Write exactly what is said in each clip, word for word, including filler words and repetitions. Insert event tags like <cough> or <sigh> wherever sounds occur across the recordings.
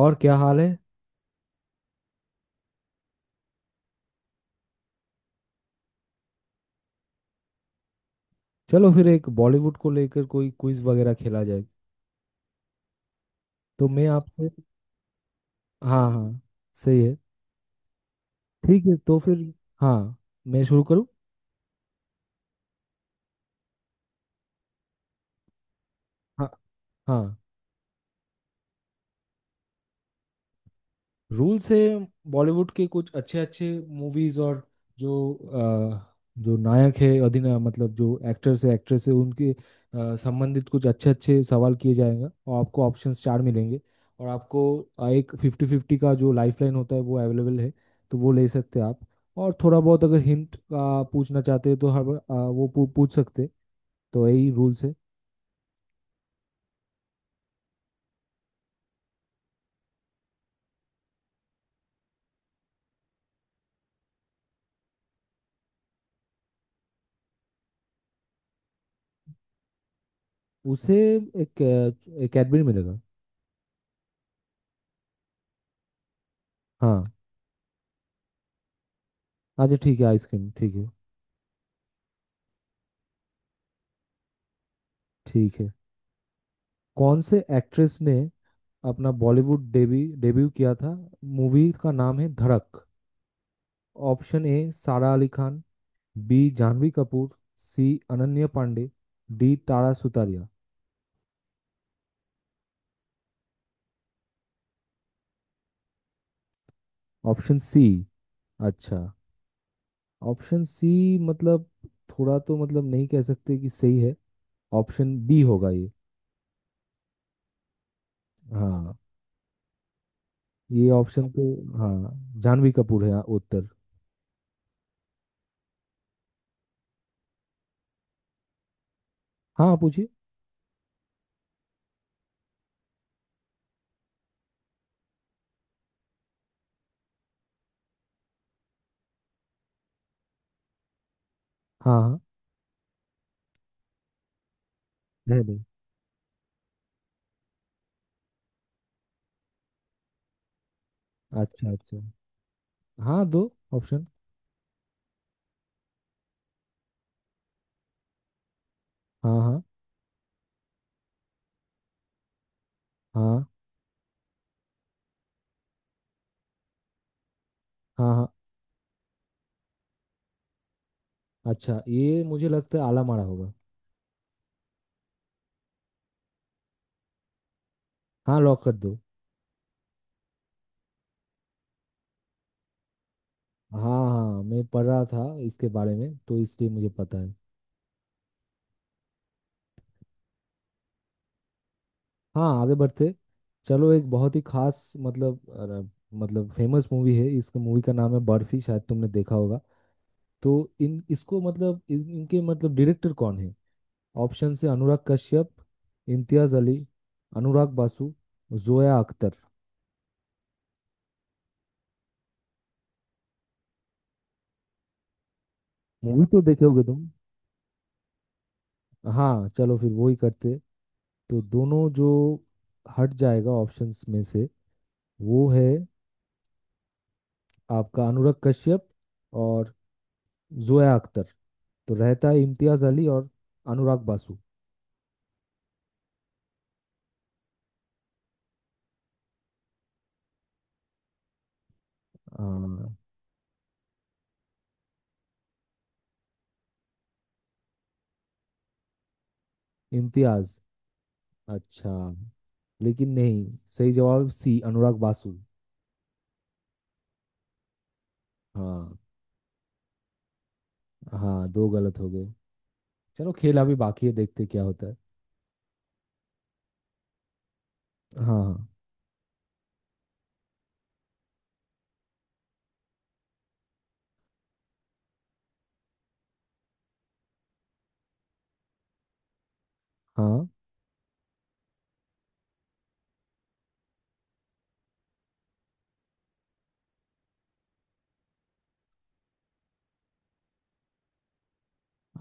और क्या हाल है। चलो फिर एक बॉलीवुड को लेकर कोई क्विज वगैरह खेला जाए तो मैं आपसे। हाँ हाँ। सही है। ठीक है तो फिर। हाँ, मैं शुरू करूँ? हाँ हाँ, रूल से बॉलीवुड के कुछ अच्छे अच्छे मूवीज और जो अ, जो नायक है अधिनायक मतलब जो एक्टर्स है एक्ट्रेस है उनके अ, संबंधित कुछ अच्छे अच्छे सवाल किए जाएंगे और आपको ऑप्शंस चार मिलेंगे। और आपको अ, एक फिफ्टी फिफ्टी का जो लाइफलाइन होता है वो अवेलेबल है तो वो ले सकते हैं आप। और थोड़ा बहुत अगर हिंट का पूछना चाहते हैं तो हर बार, अ, वो पू, पूछ सकते हैं। तो यही रूल से। उसे एक अ, एक एडमिन मिलेगा। हाँ। अच्छा ठीक है, आइसक्रीम ठीक है। ठीक है। कौन से एक्ट्रेस ने अपना बॉलीवुड डेबी डेब्यू किया था? मूवी का नाम है Dhadak. Option A Sara Ali Khan, B Janhvi Kapoor, C Ananya Panday, D Tara Sutaria. Option C? अच्छा। ऑप्शन सी मतलब थोड़ा तो मतलब नहीं कह सकते कि सही है। ऑप्शन बी होगा ये। हाँ, ये ऑप्शन तो। हाँ, जाह्नवी कपूर है उत्तर। हाँ पूछिए। हाँ हाँ। नहीं नहीं। अच्छा अच्छा। हाँ, दो ऑप्शन। हाँ हाँ। हाँ हाँ। हाँ। अच्छा ये मुझे लगता है आला मारा होगा। हाँ लॉक कर दो। हाँ। हाँ मैं पढ़ रहा था इसके बारे में तो इसलिए मुझे पता है। हाँ आगे बढ़ते। चलो एक बहुत ही खास मतलब अरे, मतलब फेमस मूवी है, इसका मूवी का नाम है बर्फी, शायद तुमने देखा होगा। तो इन इसको मतलब इन, इनके मतलब डायरेक्टर कौन है? ऑप्शन से अनुराग कश्यप, इम्तियाज अली, अनुराग बासु, जोया अख्तर। मूवी तो देखे होगे तुम। हाँ चलो फिर वही करते। तो दोनों जो हट जाएगा ऑप्शंस में से वो है आपका अनुराग कश्यप और जोया अख्तर। तो रहता है इम्तियाज अली और अनुराग बासु। हाँ। इम्तियाज? अच्छा। लेकिन नहीं, सही जवाब सी अनुराग बासु। हाँ, हाँ दो गलत हो गए। चलो खेल अभी बाकी है देखते क्या होता है। हाँ हाँ। हाँ।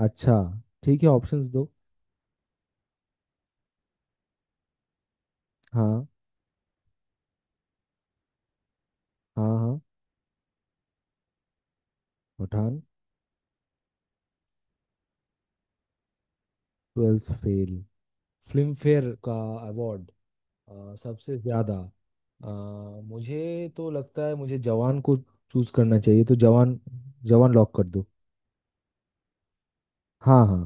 अच्छा ठीक है, ऑप्शंस दो। हाँ। हाँ हाँ। उठान। Twelfth fail. फिल्म फेयर का अवार्ड सबसे ज़्यादा अ, मुझे तो लगता है मुझे जवान को चूज करना चाहिए, तो जवान। जवान लॉक कर दो। हाँ हाँ।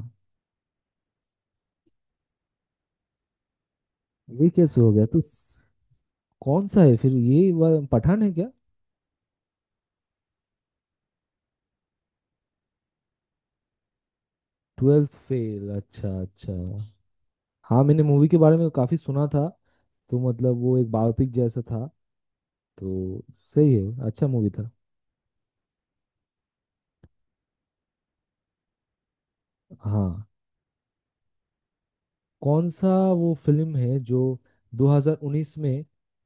ये कैसे हो गया? तो स- कौन सा है फिर? ये वा- पठान है क्या? Twelfth fail? अच्छा अच्छा। हाँ मैंने मूवी के बारे में काफ़ी सुना था, तो मतलब वो एक बायोपिक जैसा था। तो सही है, अच्छा मूवी था। हाँ। कौन सा वो फिल्म है जो दो हज़ार उन्नीस में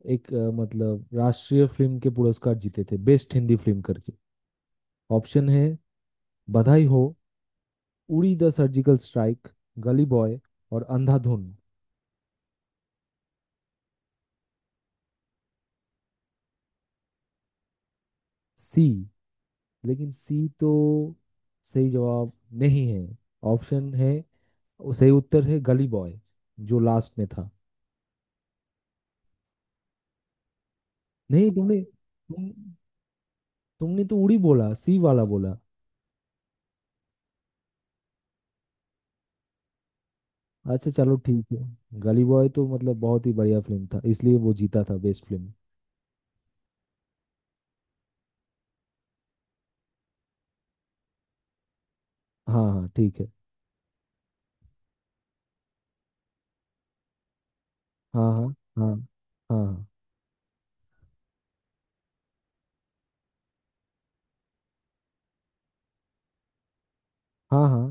एक अ, मतलब राष्ट्रीय फिल्म के पुरस्कार जीते थे बेस्ट हिंदी फिल्म करके? ऑप्शन है Badhaai Ho, Uri the surgical strike, Gully boy और अंधाधुन। सी? लेकिन सी तो सही जवाब नहीं है। ऑप्शन है, सही उत्तर है गली बॉय, जो लास्ट में था। नहीं तुमने तुम तुमने तो उड़ी बोला, सी वाला बोला। अच्छा चलो ठीक है। गली बॉय तो मतलब बहुत ही बढ़िया फिल्म था, इसलिए वो जीता था बेस्ट फिल्म। हाँ हाँ ठीक है। हाँ हाँ। हाँ हाँ। हाँ हाँ।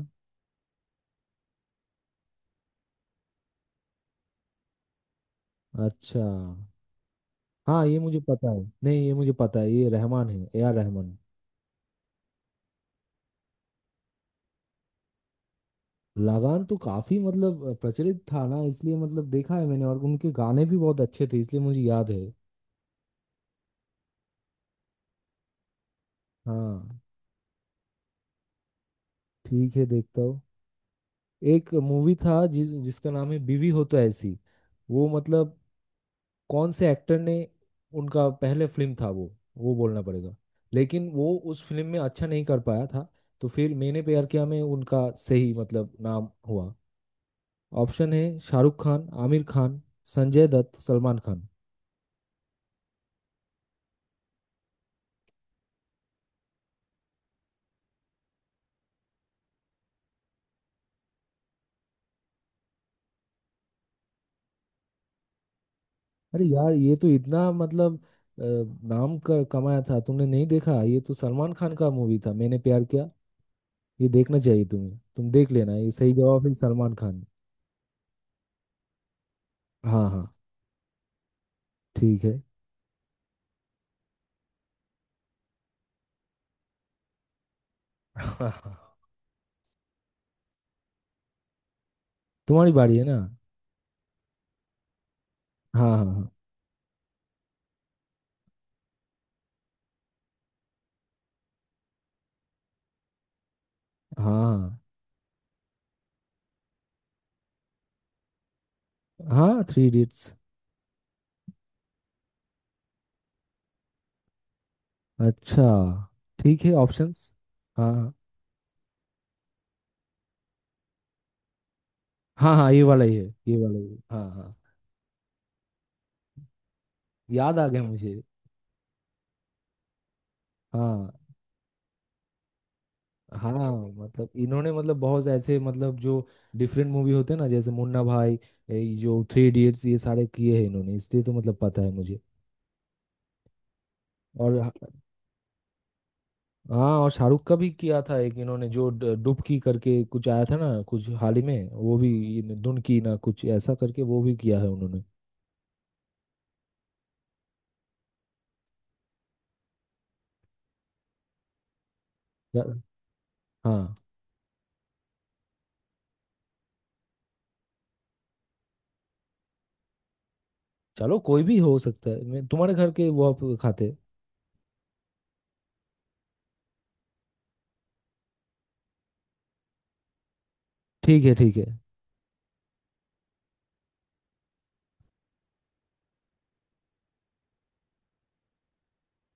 अच्छा। हाँ ये मुझे पता है, नहीं ये मुझे पता है, ये रहमान है, ए आर रहमान। लगान तो काफी मतलब प्रचलित था ना, इसलिए मतलब देखा है मैंने, और उनके गाने भी बहुत अच्छे थे इसलिए मुझे याद है। हाँ। ठीक है देखता हूँ। एक मूवी था जिस जिसका नाम है बीवी हो तो ऐसी। वो मतलब कौन से एक्टर ने, उनका पहले फिल्म था वो वो बोलना पड़ेगा। लेकिन वो उस फिल्म में अच्छा नहीं कर पाया था, तो फिर मैंने प्यार किया में उनका सही मतलब नाम हुआ। ऑप्शन है शाहरुख खान, आमिर खान, संजय दत्त, सलमान खान। अरे यार ये तो इतना मतलब अ, नाम का कमाया था, तुमने नहीं देखा? ये तो सलमान खान का मूवी था, मैंने प्यार किया। ये देखना चाहिए तुम्हें, तुम देख लेना, ये सही जवाब है सलमान खान। हाँ हाँ ठीक है। <laughs> तुम्हारी बारी है ना? हाँ हाँ हाँ। हाँ हाँ हाँ। Three idiots. अच्छा ठीक है, ऑप्शंस। हाँ। हाँ हाँ ये वाला ही है, ये वाला ही है, हाँ हाँ। याद आ गया मुझे। हाँ। हाँ मतलब इन्होंने मतलब बहुत ऐसे मतलब जो डिफरेंट मूवी होते हैं ना, जैसे मुन्ना भाई, ये जो थ्री इडियट्स, ये सारे किए हैं इन्होंने, इसलिए तो मतलब पता है मुझे। और हाँ, और शाहरुख का भी किया था एक इन्होंने, जो ड- डुबकी करके कुछ आया था ना कुछ हाल ही में, वो भी, इन- धुन की ना कुछ ऐसा करके, वो भी किया है उन्होंने। या- हाँ चलो कोई भी हो सकता है, मैं तुम्हारे घर के वो आप खाते। ठीक है ठीक है।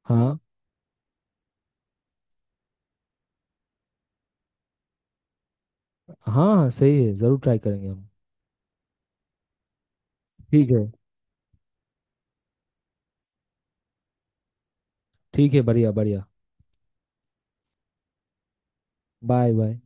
हाँ हाँ हाँ, सही है, जरूर ट्राई करेंगे हम। ठीक है। ठीक है बढ़िया बढ़िया। Bye bye.